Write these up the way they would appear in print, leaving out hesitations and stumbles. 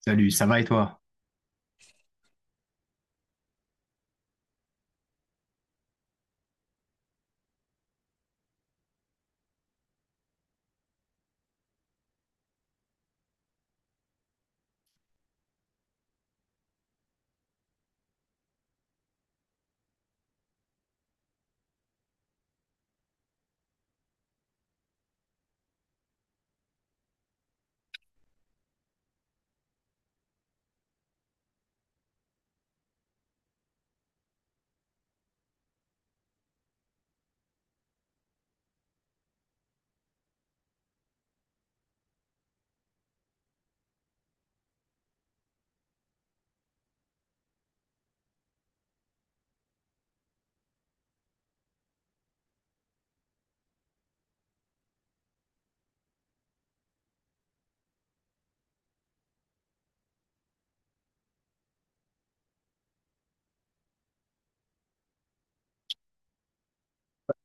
Salut, ça va et toi?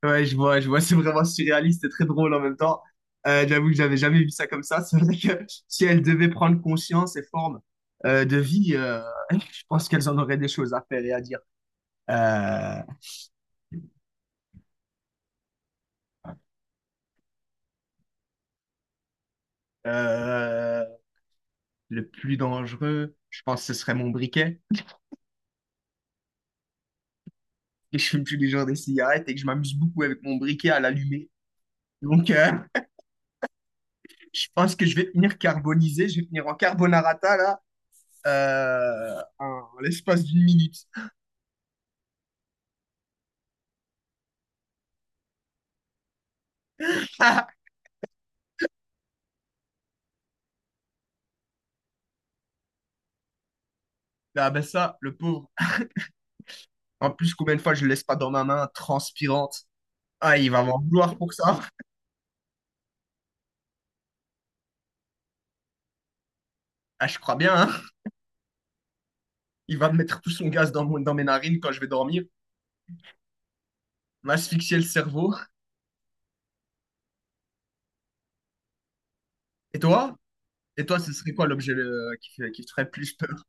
Ouais, je vois, c'est vraiment surréaliste et très drôle en même temps. J'avoue que j'avais jamais vu ça comme ça. C'est vrai que si elles devaient prendre conscience et forme de vie, je pense qu'elles en auraient des choses à faire et à dire. Euh, euh, le plus dangereux, je pense que ce serait mon briquet. Et je fume tous les jours des cigarettes et que je m'amuse beaucoup avec mon briquet à l'allumer. Donc, je pense que je vais finir carbonisé, je vais finir en carbonarata là, en l'espace d'une minute. Ah ben ça, le pauvre. En plus, combien de fois je le laisse pas dans ma main, transpirante. Ah, il va m'en vouloir pour ça. Ah, je crois bien, hein. Il va mettre tout son gaz dans, dans mes narines quand je vais dormir, m'asphyxier le cerveau. Et toi? Et toi, ce serait quoi l'objet qui, qui te ferait plus peur?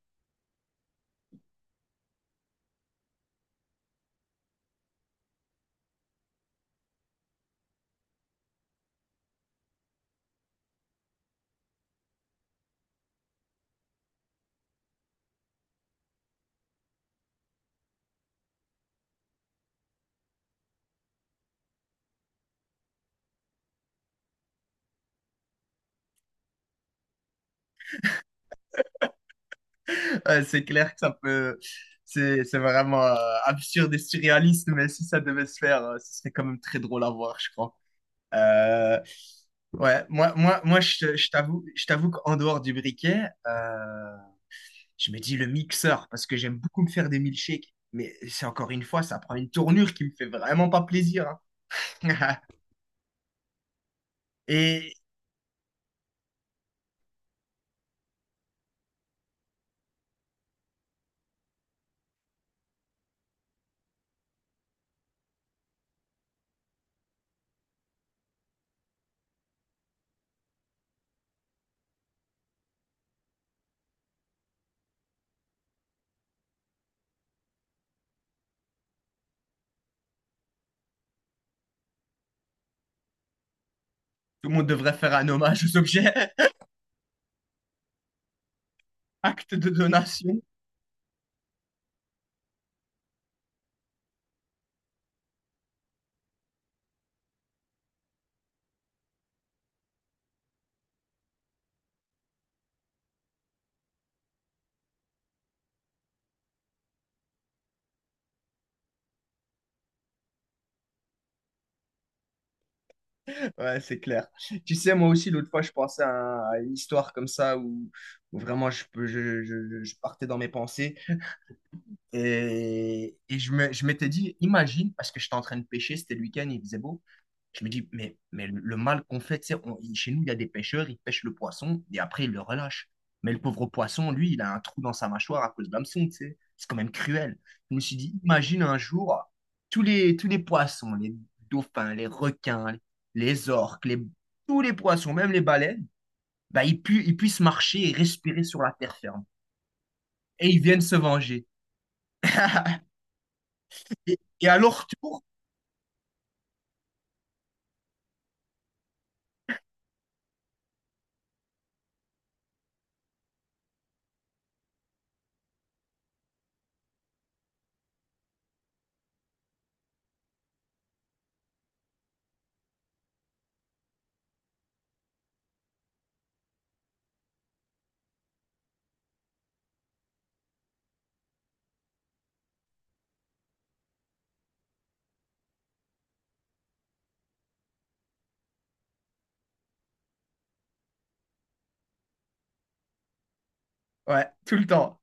Ouais, c'est clair que ça peut… C'est vraiment absurde et surréaliste, mais si ça devait se faire, ce serait quand même très drôle à voir, je crois. Euh, Ouais, je t'avoue qu'en dehors du briquet, je me dis le mixeur, parce que j'aime beaucoup me faire des milkshakes. Mais c'est encore une fois, ça prend une tournure qui me fait vraiment pas plaisir, hein. Et tout le monde devrait faire un hommage aux objets. Acte de donation. Ouais, c'est clair. Tu sais, moi aussi, l'autre fois, je pensais à, à une histoire comme ça où, où vraiment je, peux- je partais dans mes pensées. Et je me, je m'étais dit, imagine, parce que j'étais en train de pêcher, c'était le week-end, il faisait beau. Je me dis, mais le mal qu'on fait, tu sais, chez nous, il y a des pêcheurs, ils pêchent le poisson et après, ils le relâchent. Mais le pauvre poisson, lui, il a un trou dans sa mâchoire à cause de l'hameçon, tu sais. C'est quand même cruel. Je me suis dit, imagine un jour, tous les poissons, les dauphins, les requins, les orques, les, tous les poissons, même les baleines, bah, ils puissent marcher et respirer sur la terre ferme. Et ils viennent se venger. Et à leur tour, ouais, tout le temps,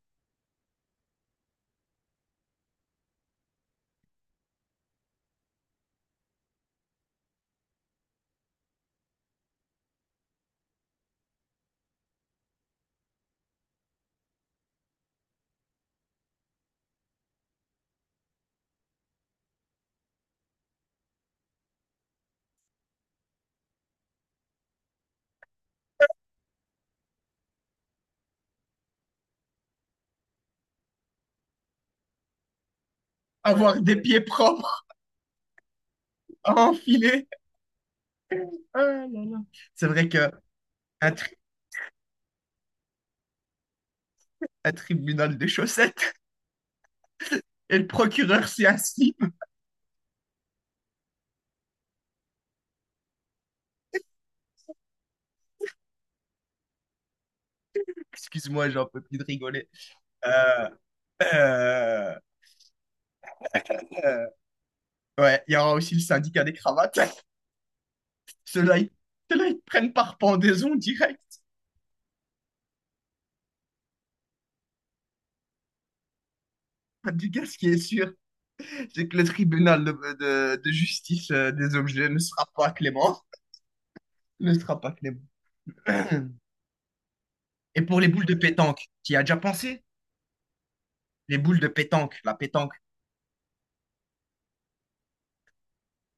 avoir des pieds propres à enfiler. Ah là là. C'est vrai qu'un tri- un tribunal de chaussettes et le procureur s'y assit. Excuse-moi, j'en peux plus de rigoler. Euh, euh, euh, ouais, il y aura aussi le syndicat des cravates. Ceux-là, ils, ceux-là, ils te prennent par pendaison direct. En tout cas, ce qui est sûr, c'est que le tribunal de, de justice des objets ne sera pas clément. Ne sera pas clément. Et pour les boules de pétanque, tu y as déjà pensé? Les boules de pétanque, la pétanque.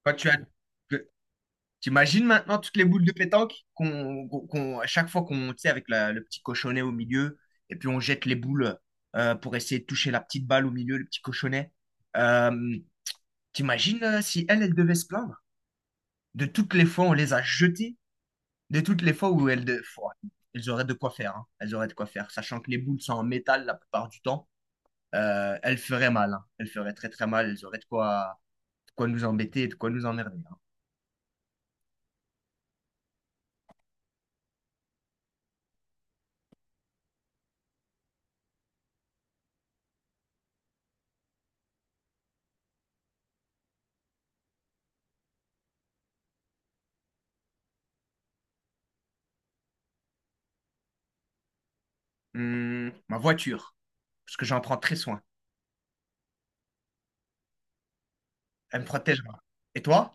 Quand tu as, t'imagines maintenant toutes les boules de pétanque à chaque fois qu'on, tu sais, avec le petit cochonnet au milieu, et puis on jette les boules pour essayer de toucher la petite balle au milieu, le petit cochonnet. Euh, t'imagines si elle, elle devait se plaindre de toutes les fois où on les a jetées, de toutes les fois où elles, de… Pouah, elles auraient de quoi faire, hein. Elles auraient de quoi faire, sachant que les boules sont en métal la plupart du temps, elles feraient mal, hein. Elles feraient très très mal, elles auraient de quoi nous embêter, de quoi nous emmerder, hein. Ma voiture, parce que j'en prends très soin. Elle me protégera. Et toi?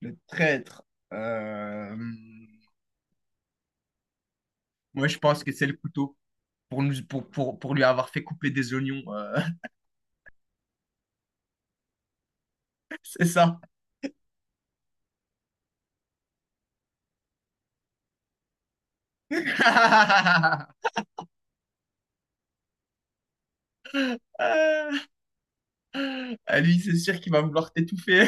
Le traître. euh, Moi, je pense que c'est le couteau pour nous, pour lui avoir fait couper des oignons. C'est ça. Ah, à lui, c'est sûr qu'il va vouloir t'étouffer.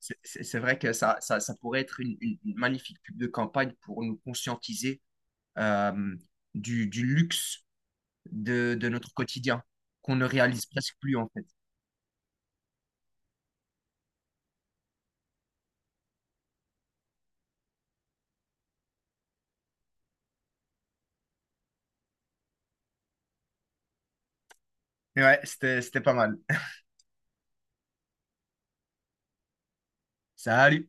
C'est vrai que ça pourrait être une, une magnifique pub de campagne pour nous conscientiser euh, du luxe de notre quotidien qu'on ne réalise presque plus en fait. Mais ouais, c'était, c'était pas mal. Salut!